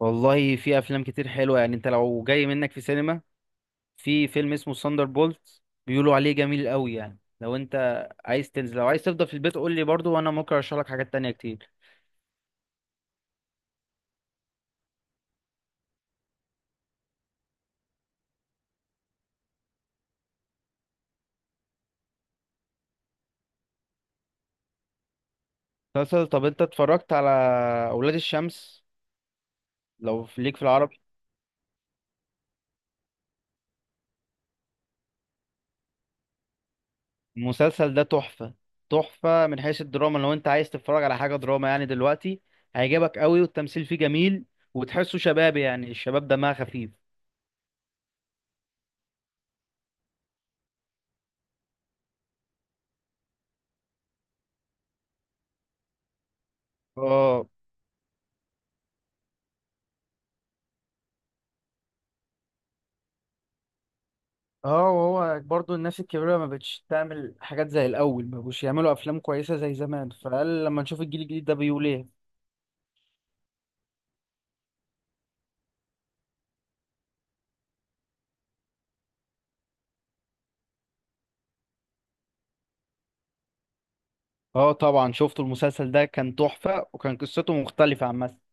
والله في افلام كتير حلوه، يعني انت لو جاي منك في سينما، في فيلم اسمه ساندر بولت بيقولوا عليه جميل قوي. يعني لو انت عايز تنزل، لو عايز تفضل في البيت قول لي برضو، وانا ممكن ارشح لك حاجات تانية كتير. مسلسل، طب انت اتفرجت على اولاد الشمس؟ ليك في العربي. المسلسل ده تحفه، تحفه من حيث الدراما. لو انت عايز تتفرج على حاجه دراما يعني دلوقتي، هيعجبك قوي، والتمثيل فيه جميل، وتحسه شبابي، يعني الشباب دمها خفيف. اه، اه، وهو برضو الناس الكبيرة ما بقتش تعمل حاجات زي الأول، ما بقوش يعملوا أفلام كويسة زي زمان، فقال لما نشوف الجيل الجديد ده بيقول إيه. اه طبعا شفت المسلسل ده، كان تحفة، وكان قصته مختلفة عن مثلا.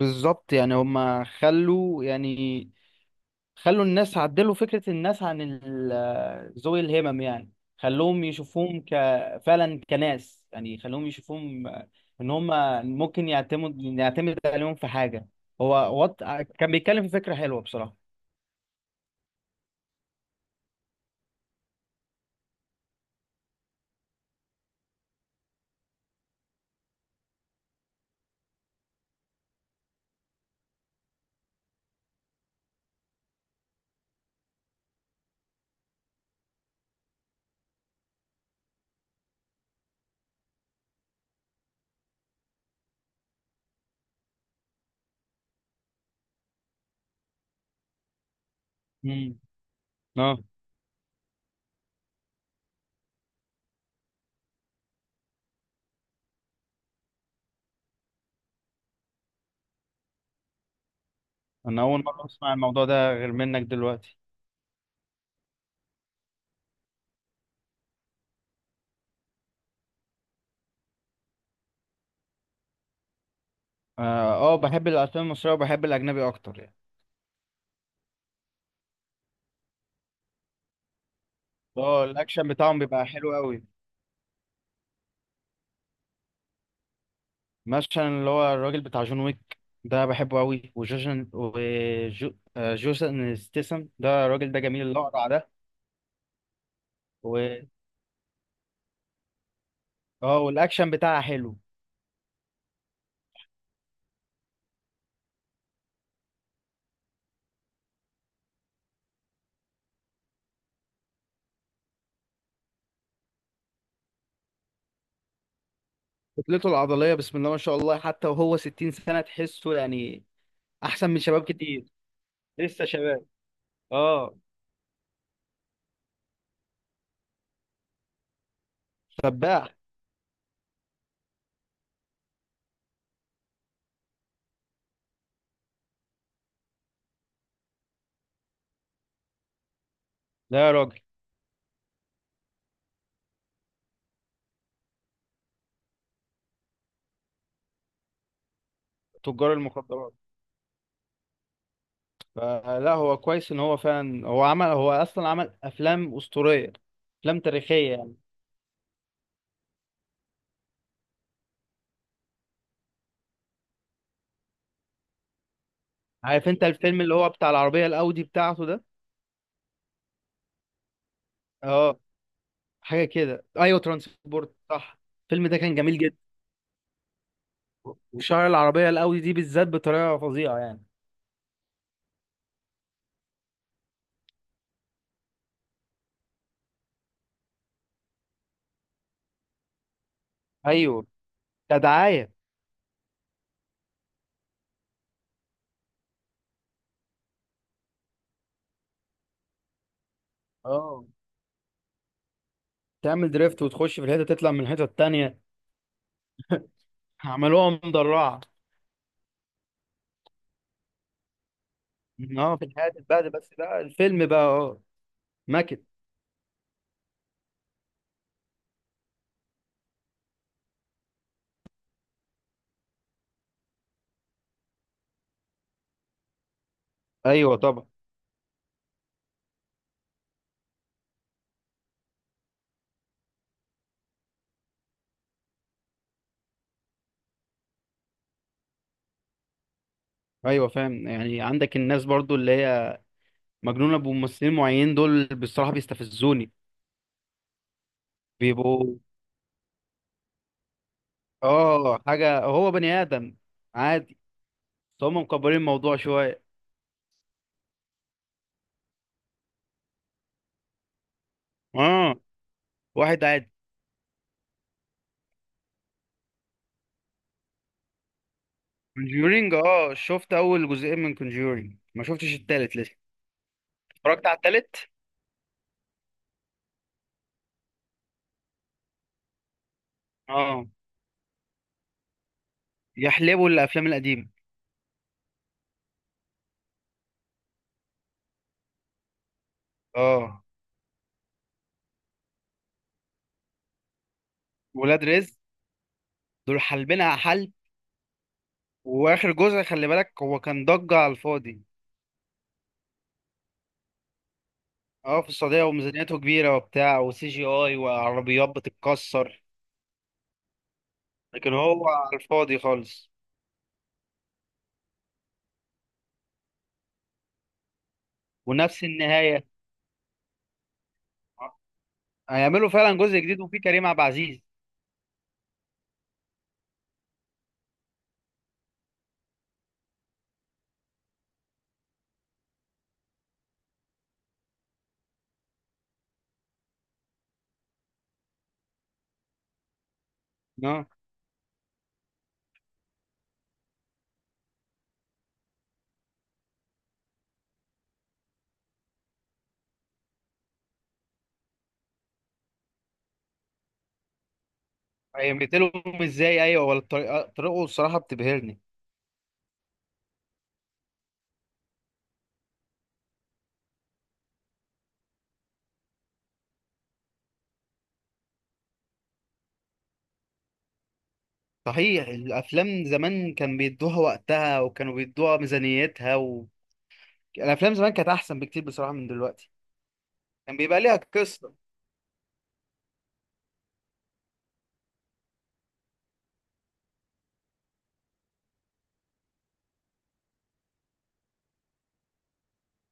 بالظبط، يعني هما خلوا، يعني خلوا الناس عدلوا فكرة الناس عن ذوي الهمم، يعني خلوهم يشوفوهم فعلا كناس، يعني خلوهم يشوفوهم، إن هما ممكن نعتمد عليهم في حاجة. هو وط... كان بيتكلم في فكرة حلوة بصراحة. اه، انا اول مره اسمع الموضوع ده غير منك دلوقتي. اه، بحب الافلام المصريه، وبحب الاجنبي اكتر يعني. اه الاكشن بتاعهم بيبقى حلو قوي. مثلا اللي هو الراجل بتاع جون ويك ده بحبه قوي، وجوجن وجوسن ستيسن، ده الراجل ده جميل، الاقرع ده و... اه والاكشن بتاعه حلو. كتلته العضليه بسم الله ما شاء الله، حتى وهو 60 سنه تحسه يعني احسن من شباب كتير. لسه شباب. اه. سباح. لا يا راجل. تجار المخدرات. فلا هو كويس، ان هو فعلا هو عمل، هو اصلا عمل افلام اسطوريه، افلام تاريخيه يعني. عارف انت الفيلم اللي هو بتاع العربيه الاودي بتاعته ده؟ اه حاجه كده، ايوه ترانسبورت، صح. الفيلم ده كان جميل جدا. وشهر العربيه الاودي دي بالذات بطريقه فظيعه يعني. ايوه، كدعايه. اه تعمل دريفت وتخش في الحته، تطلع من الحته التانيه. عملوها مدرعه. اه في الحياه تتبهدل، بس بقى الفيلم بقى ماكت. ايوه طبعا. ايوه فاهم، يعني عندك الناس برضو اللي هي مجنونة بممثلين معينين، دول بصراحة بيستفزوني. بيبقوا اه حاجة، هو بني آدم عادي، بس هم مكبرين الموضوع شوية. اه واحد عادي. كونجورينج، اه شفت أول جزئين من كونجورينج، ما شفتش التالت لسه. اتفرجت على التالت. اه، يحلبوا الأفلام القديمة. اه ولاد رزق دول حلبينها حلب. وآخر جزء خلي بالك، هو كان ضجة على الفاضي. اه في السعودية، وميزانيته كبيرة وبتاع، وسي جي اي وعربيات بتتكسر، لكن هو على الفاضي خالص. ونفس النهاية. هيعملوا فعلا جزء جديد وفيه كريم عبد العزيز. اه هيقتلهم ازاي، ايوه، ولا الطريقة، طريقه الصراحة بتبهرني. صحيح الافلام زمان كان بيدوها وقتها، وكانوا بيدوها ميزانيتها الافلام زمان كانت احسن بكتير بصراحة من دلوقتي. كان بيبقى ليها قصة.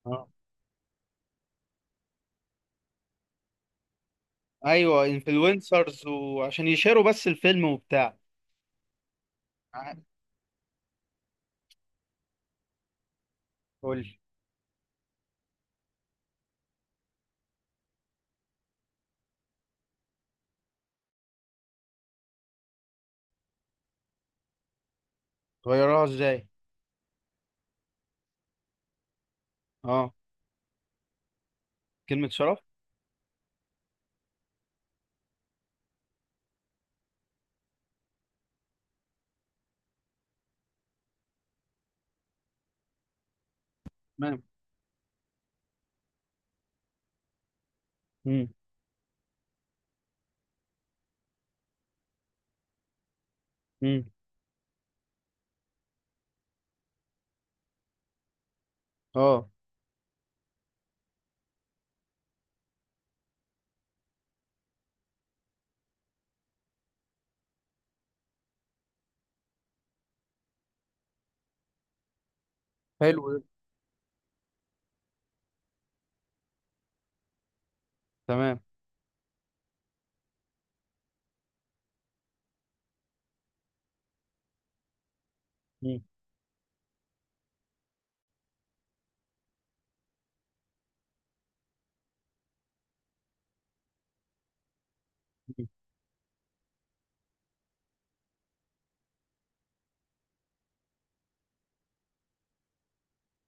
اه. ايوه انفلونسرز، وعشان يشيروا بس الفيلم وبتاع. آه، قول لي. غيروها ازاي؟ اه كلمة شرف. تمام. امم امم اه. حلو ده. تمام. مم. مم.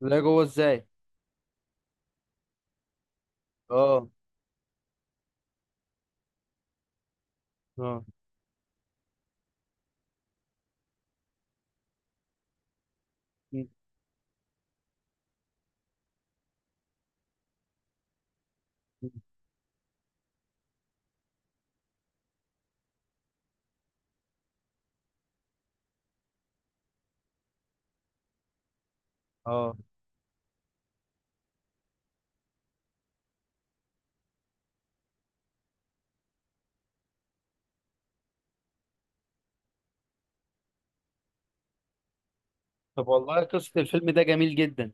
لا جوه ازاي؟ اه. اه. مم. مم. اه. طب والله قصة الفيلم ده جميل جدا.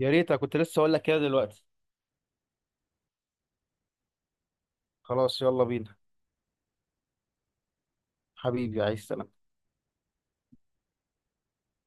يا ريت، أنا كنت لسه اقول لك كده دلوقتي. خلاص يلا بينا. حبيبي عايز.